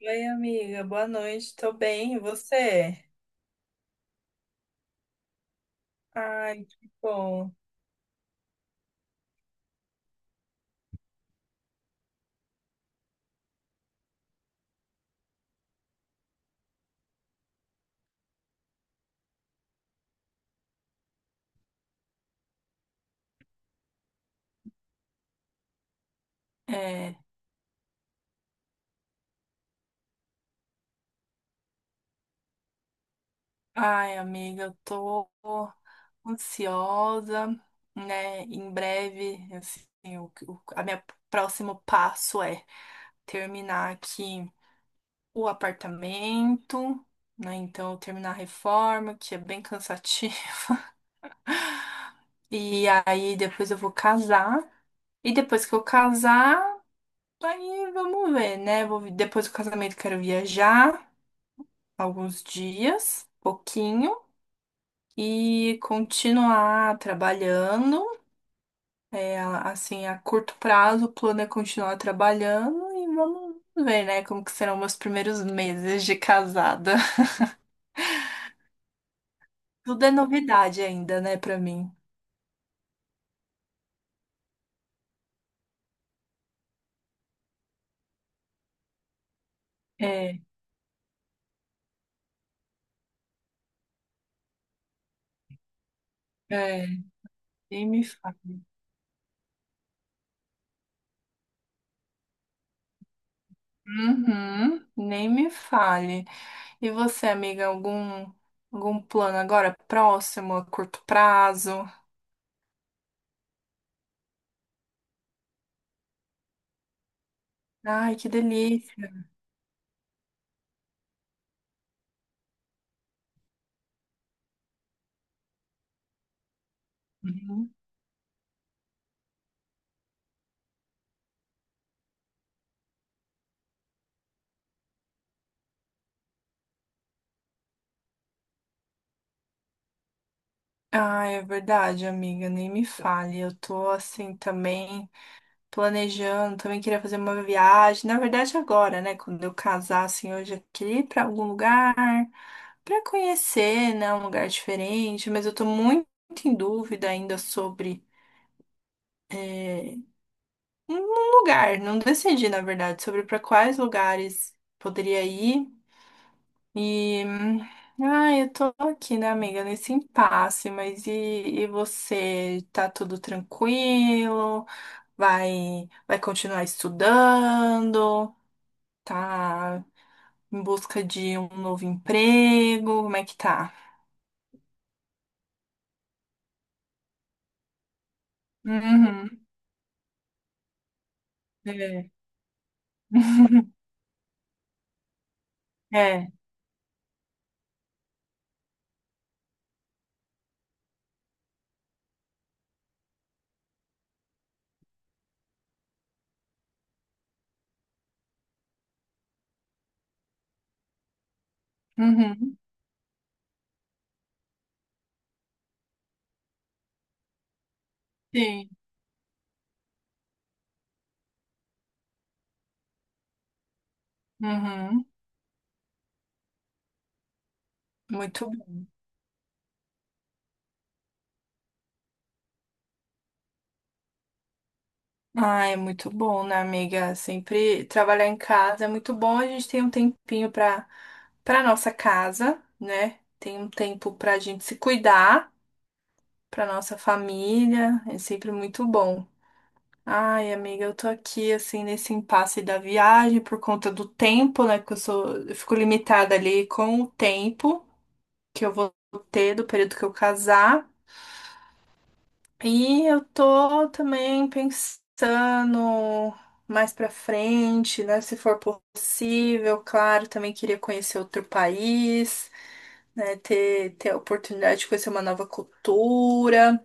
Oi, amiga, boa noite, tô bem, e você? Ai, que bom. É, ai, amiga, eu tô ansiosa, né? Em breve, assim, a minha próximo passo é terminar aqui o apartamento, né? Então, terminar a reforma, que é bem cansativo. E aí, depois eu vou casar. E depois que eu casar, aí vamos ver, né? Depois do casamento, eu quero viajar. Alguns dias, pouquinho, e continuar trabalhando. É, assim, a curto prazo, o plano é continuar trabalhando e vamos ver, né, como que serão meus primeiros meses de casada. Tudo é novidade ainda, né, pra mim. É, é, Nem me fale. Uhum, nem me fale. E você, amiga, algum algum plano agora próximo, a curto prazo? Ai, que delícia. Ah, é verdade, amiga, nem me fale. Eu tô assim também planejando, também queria fazer uma viagem. Na verdade, agora, né, quando eu casar, assim, eu já queria ir pra algum lugar pra conhecer, né, um lugar diferente, mas eu tô muito em dúvida ainda sobre eh, um lugar. Não decidi, na verdade, sobre pra quais lugares poderia ir. E, ah, eu tô aqui, né, amiga, nesse impasse, mas e você? Tá tudo tranquilo? Vai continuar estudando? Tá em busca de um novo emprego? Como é que tá? Uhum. É. É. Uhum. Sim. Uhum. Muito Ah, é muito bom, né, amiga? Sempre trabalhar em casa é muito bom. A gente tem um tempinho para para nossa casa, né? Tem um tempo para a gente se cuidar, para nossa família. É sempre muito bom. Ai, amiga, eu tô aqui assim nesse impasse da viagem por conta do tempo, né? Que eu sou, eu fico limitada ali com o tempo que eu vou ter do período que eu casar. E eu tô também pensando mais pra frente, né? Se for possível, claro, também queria conhecer outro país, né? Ter a oportunidade de conhecer uma nova cultura.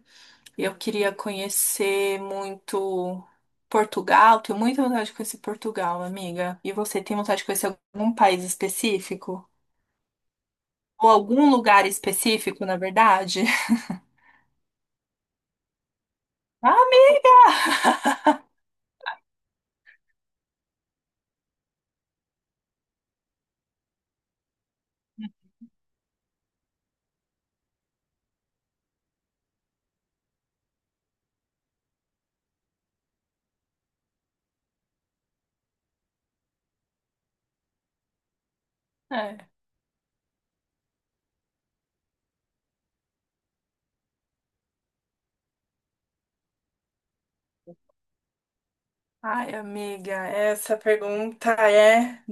Eu queria conhecer muito Portugal. Tenho muita vontade de conhecer Portugal, amiga. E você tem vontade de conhecer algum país específico? Ou algum lugar específico, na verdade? Ah, amiga. É. Ai, amiga, essa pergunta é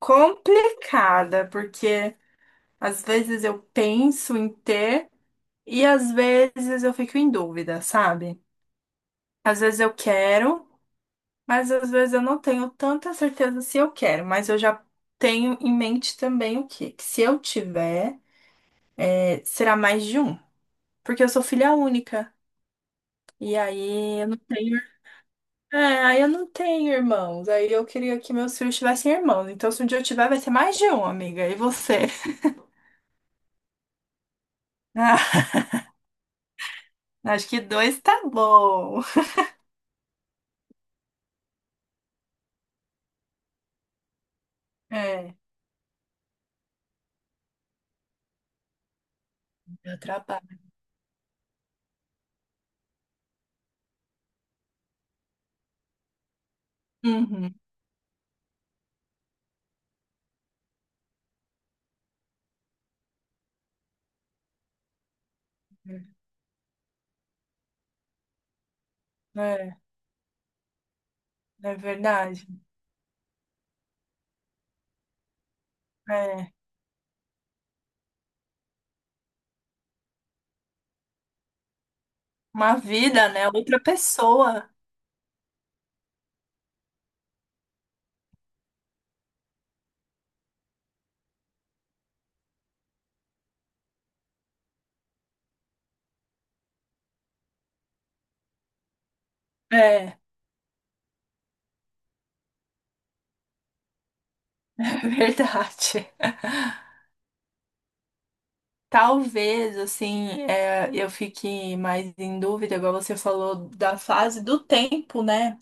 complicada, porque às vezes eu penso em ter e às vezes eu fico em dúvida, sabe? Às vezes eu quero, mas às vezes eu não tenho tanta certeza se eu quero, mas eu já tenho em mente também o quê? Que se eu tiver, é, será mais de um, porque eu sou filha única. E aí eu não tenho é, aí eu não tenho irmãos. Aí eu queria que meus filhos tivessem irmãos. Então, se um dia eu tiver, vai ser mais de um, amiga. E você? Ah, acho que dois tá bom. É, eu trabalho. Uhum. É, é verdade. É. Uma vida, né? Outra pessoa. É, é verdade. Talvez, assim, é, eu fique mais em dúvida, igual você falou, da fase do tempo, né?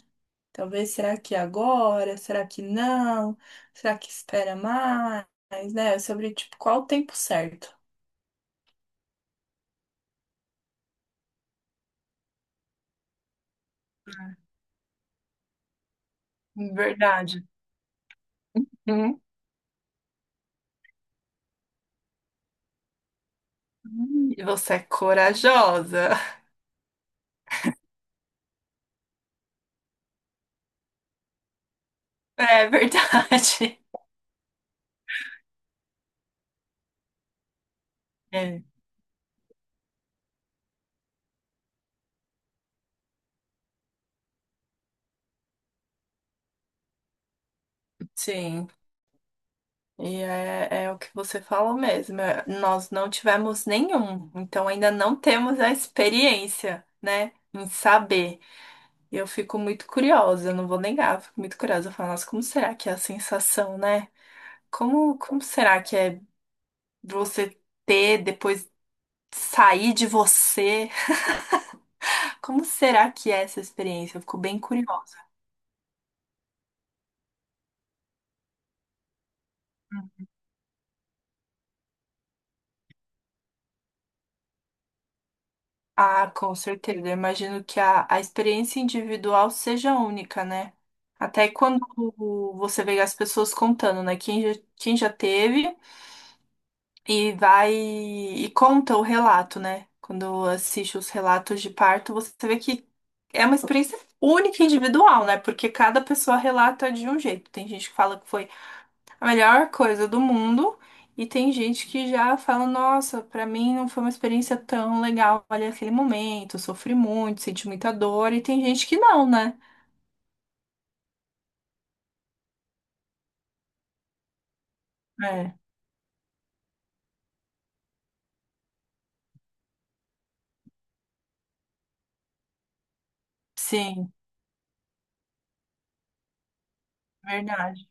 Talvez, será que agora? Será que não? Será que espera mais, né? É sobre, tipo, qual o tempo certo. Verdade. Hum, e você é corajosa. É verdade. É. Sim. E é, é o que você falou mesmo. É, nós não tivemos nenhum, então ainda não temos a experiência, né, em saber. Eu fico muito curiosa, eu não vou negar, eu fico muito curiosa. Eu falo, nossa, como será que é a sensação, né? Como será que é você ter, depois sair de você? Como será que é essa experiência? Eu fico bem curiosa. Ah, com certeza. Eu imagino que a experiência individual seja única, né? Até quando você vê as pessoas contando, né? Quem já teve e vai e conta o relato, né? Quando assiste os relatos de parto, você vê que é uma experiência única e individual, né? Porque cada pessoa relata de um jeito. Tem gente que fala que foi a melhor coisa do mundo. E tem gente que já fala, nossa, pra mim não foi uma experiência tão legal ali aquele momento, sofri muito, senti muita dor, e tem gente que não, né? É, sim, verdade.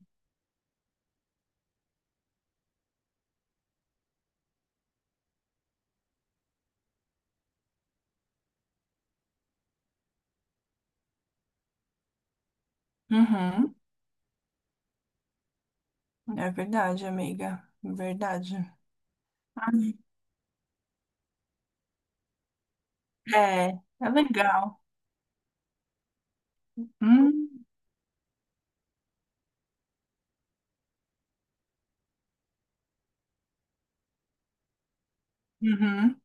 Uhum, é verdade, amiga, verdade. É, é legal. Hum, Uhum,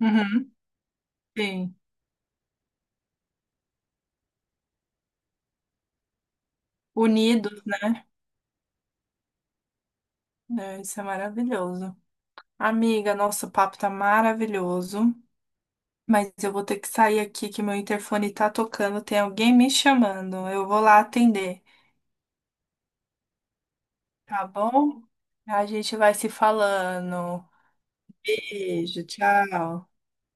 uhum, sim. Unidos, né? É, isso é maravilhoso. Amiga, nosso papo tá maravilhoso. Mas eu vou ter que sair aqui que meu interfone tá tocando, tem alguém me chamando. Eu vou lá atender, tá bom? A gente vai se falando. Beijo, tchau.